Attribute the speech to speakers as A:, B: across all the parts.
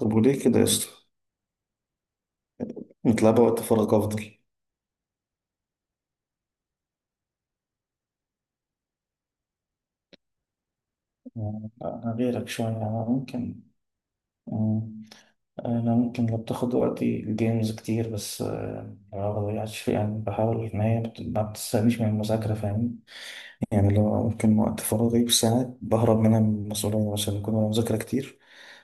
A: طب وليه كده يا اسطى؟ نطلع وقت فراغ افضل. آه، أنا غيرك شوية، أنا ممكن، آه، أنا ممكن لو بتاخد وقتي الجيمز كتير بس آه، ما بضيعش فيه، يعني بحاول إن هي ما بتستنيش من المذاكرة، فاهمني؟ يعني لو ممكن وقت فراغي بساعات بهرب منها من المسؤولية مثلا، بكون أنا مذاكرة كتير،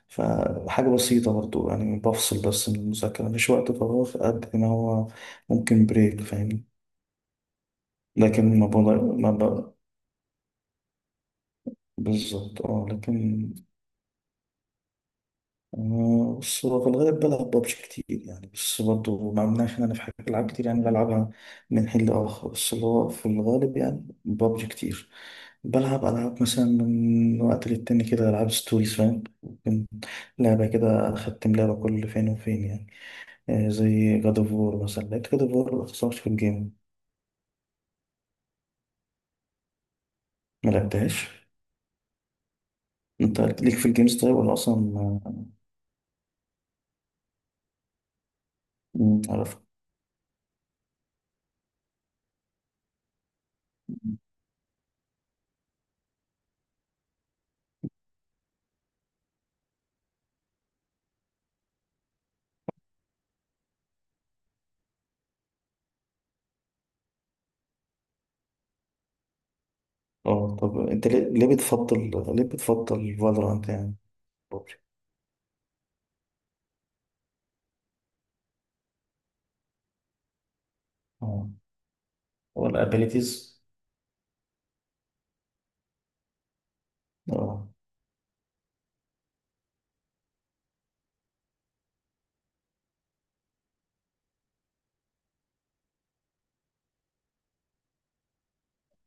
A: فحاجة بسيطة برضو يعني بفصل بس من المذاكرة، مش وقت فراغ قد ما هو ممكن بريك، فاهمني؟ لكن ما بضيع ما ب... بالظبط اه، لكن آه، بص هو في الغالب بلعب ببجي كتير يعني، بس برضه ما عملناش إن أنا في حاجة، ألعاب كتير يعني بلعبها من حين لآخر، بس اللي هو في الغالب يعني ببجي كتير. بلعب ألعاب مثلا من وقت للتاني كده، ألعاب ستوريز فاهم، ممكن لعبة كده، أختم لعبة كل فين وفين يعني. آه، زي جاد أوف وور مثلا، لعبت جاد أوف وور مخلصتهاش في الجيم. ما لعبتهاش. أنت ليك في الجيمز طيب ولا أصلا ما تعرف؟ اه طب أنت ليه بتفضل؟ ليه بتفضل فالورانت يعني؟ اه والابيليتيز. اه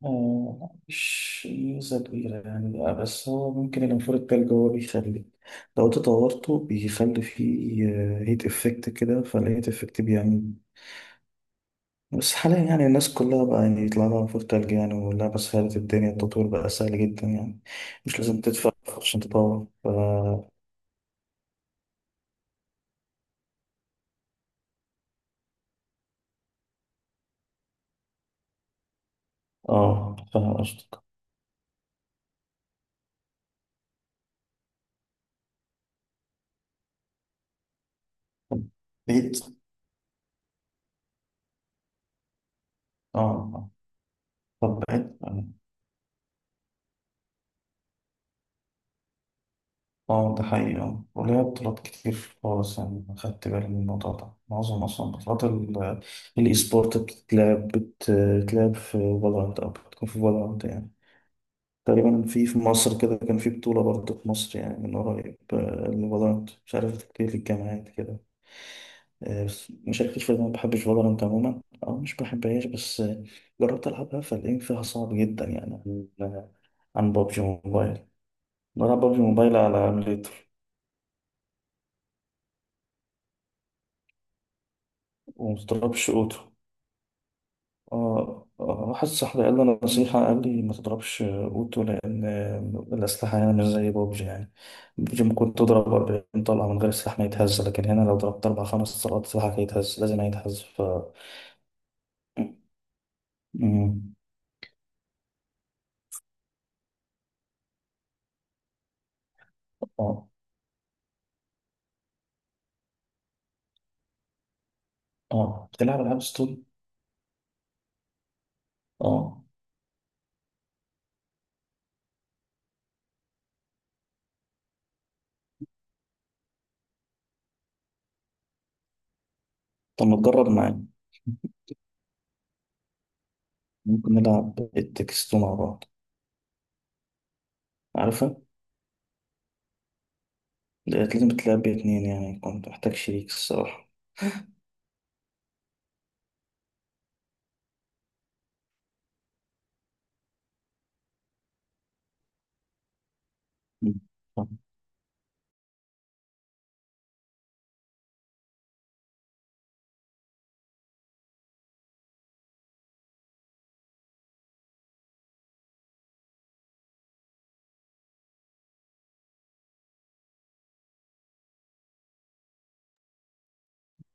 A: آه، مش ميزة كبيرة يعني، آه، بس هو ممكن الانفور التلج هو بيخلي، لو تطورته بيخلي فيه هيت افكت كده، فالهيت افكت بيعمل. بس حاليا يعني الناس كلها بقى يعني يطلع لها انفور تلج يعني، واللعبة سهلت الدنيا، التطوير بقى سهل جدا يعني، مش لازم تدفع عشان تطور ف. اه فاهم قصدك. طب بعيد. اه آه. طب بعيد. اه ده حقيقي اه، وليا بطولات كتير خالص يعني، خدت بالي من الموضوع ده، معظم اصلا بطولات الاي سبورت بتتلعب في فالورانت، او بتكون في فالورانت يعني. تقريبا في مصر كده كان في بطولة برضه في مصر يعني من قريب، آه، لفالورانت، مش عارف كتير في الجامعات كده. آه، بس ما شاركتش في، ما بحبش فالورانت عموما او مش بحبهاش، بس آه، جربت العبها فالإيم فيها صعب جدا يعني، عن، عن بابجي موبايل. بلعب بابجي موبايل على ايميليتور ومضربش اوتو. آه آه، واحد صاحبي قال لي نصيحة، قال لي ما تضربش أوتو لأن الأسلحة هنا مش زي بوبجي يعني. بوبجي ممكن تضرب 40 طلقة من غير السلاح ما يتهز، لكن هنا لو ضربت أربع خمس طلقات سلاحك هيتهز، لازم هيتهز ف. مم. اه اه. بتلعب ألعاب ستوري؟ اه طب ما تجرب معايا؟ ممكن نلعب التكستو مع بعض. عارفة؟ ديت لازم تلعب باتنين يعني، كنت محتاج شريك الصراحة. مم. طب-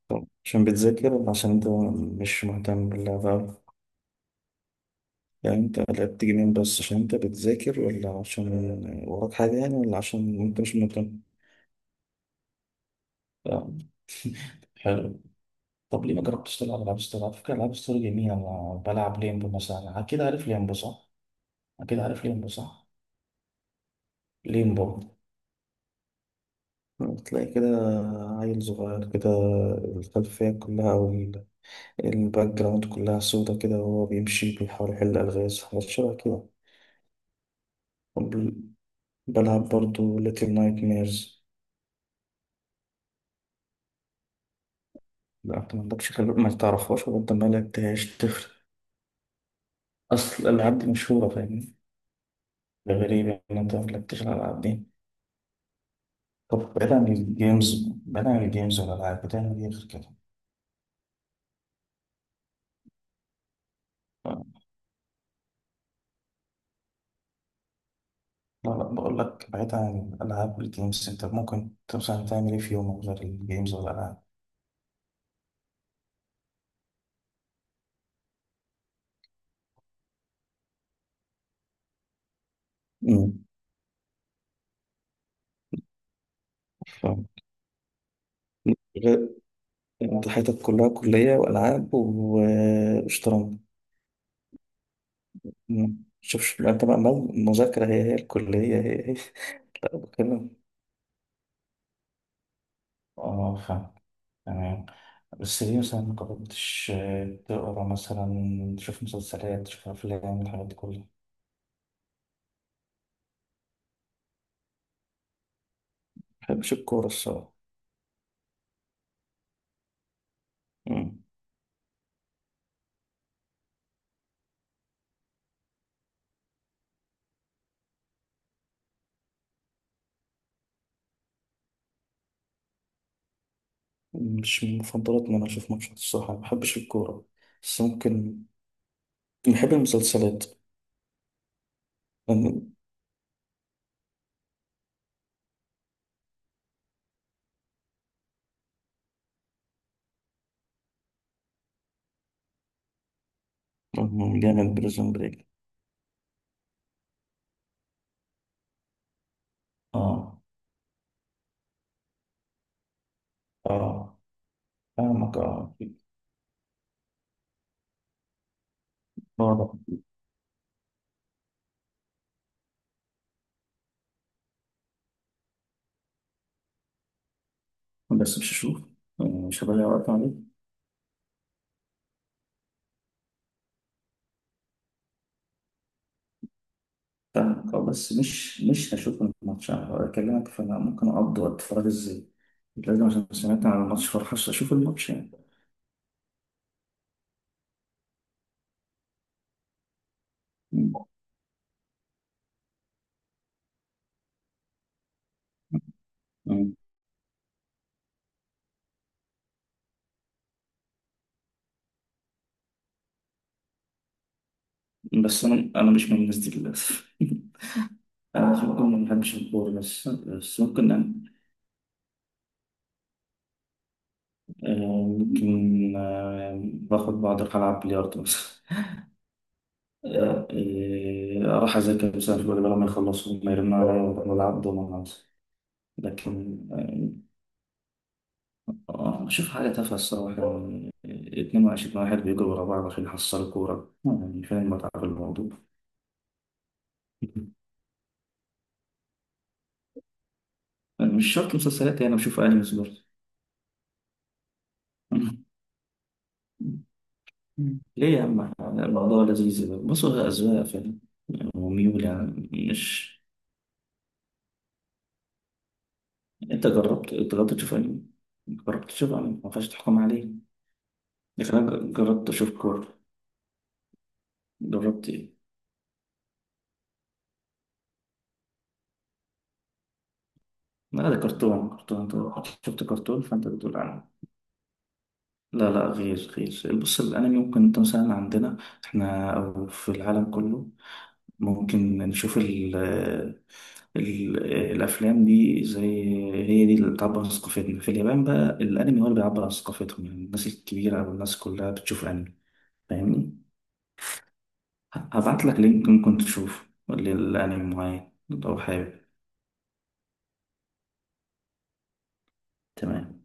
A: طب، عشان بتذاكر ولا عشان انت مش مهتم باللعبة أوي؟ يعني انت لعبت جيمين بس عشان انت بتذاكر، ولا عشان وراك حاجة يعني، ولا عشان انت مش مهتم؟ آه، حلو. طب ليه ما جربتش تلعب ألعاب ستوري؟ على فكرة ألعاب ستوري جميلة، أنا بلعب ليمبو مثلا، أكيد عارف ليمبو صح؟ أكيد عارف ليمبو صح؟ ليمبو، تلاقي كده عيل صغير كده، الخلفية كلها أو الباك جراوند كلها سودا كده، وهو بيمشي بيحاول يحل ألغاز، حاجات شبه كده. وبل- بلعب برضو ليتل نايت ميرز. لا انت ما عندكش خبرة ما تعرفهاش، ولا انت ما لعبتهاش تفرق؟ اصل الالعاب دي مشهورة فاهمني. ده غريب ان انت ما لعبتش الالعاب دي. طب بعيد عن الجيمز، بعيد عن الجيمز والالعاب، بتعمل ايه غير كده؟ لا لا، بقول لك بعيد عن الالعاب والجيمز، انت ممكن مثلا تعمل ايه في يوم غير الجيمز والالعاب؟ امم فاهم. غير، انت حياتك كلها كلية والعاب و- وشطرنج. امم. شوف شوف انت بقى، مذاكرة هي هي، الكلية هي هي. لا بتكلم، اه فاهم تمام. بس ليه مثلا ما جربتش آه، تقرا مثلا، تشوف مسلسلات، تشوف أفلام، الحاجات دي كلها. ما بحبش الكورة الصراحة. مم. مش من مفضلاتي إن أنا أشوف ماتشات الصراحة، ما بحبش الكورة، بس ممكن بحب المسلسلات لأن- مم، جامد بريزون بريك. اه اه فاهمك اه. بقعد- بس مش هشوف، يعني مش هضيع وقت عليه. فاهمك اه، بس مش هشوف الماتش، أنا بكلمك فانا ممكن اقضي وقت فراغي ازاي؟ لازم عشان سمعت عن الماتش فرحش اشوف الماتش يعني؟ مم. مم. بس انا مش من الناس دي للاسف. انا مش- ممكن ما بحبش الكوره بس، بس آه، ممكن آه، باخد بعض أروح العب بلياردو مثلا. آه، آه، اروح اذاكر مثلا في بدل ما يخلصوا، ما يرنوا عليا وأروح العب دومنة مثلا، لكن آه، آه، شوف حاجة تافهة الصراحة يعني، اتنين وعشرين واحد بيجروا ورا بعض عشان يحصلوا كورة، آه، يعني فين المتعة في الموضوع؟ مش شرط مسلسلات، يعني بشوف أنمي برضه. ليه يا عم الموضوع لذيذ، بصوا هي أذواق فعلا وميول يعني، مش أنت جربت؟ أنت جربت تشوف أنمي؟ جربت تشوف أنمي ما ينفعش تحكم عليه. لكن أنا جربت أشوف كورة. جربت إيه؟ لا ده كرتون، كرتون أنت شفت، كرتون فأنت بتقول عنه. لا لا، غير، غير. بص الأنمي ممكن أنت مثلا، عندنا إحنا أو في العالم كله ممكن نشوف ال ال الأفلام دي، زي هي دي اللي بتعبر عن ثقافتنا، في اليابان بقى الأنمي هو اللي بيعبر عن ثقافتهم، يعني الناس الكبيرة أو الناس كلها بتشوف أنمي. فاهمني؟ هبعت لك لينك ممكن تشوفه للأنمي معين لو حابب. تمام.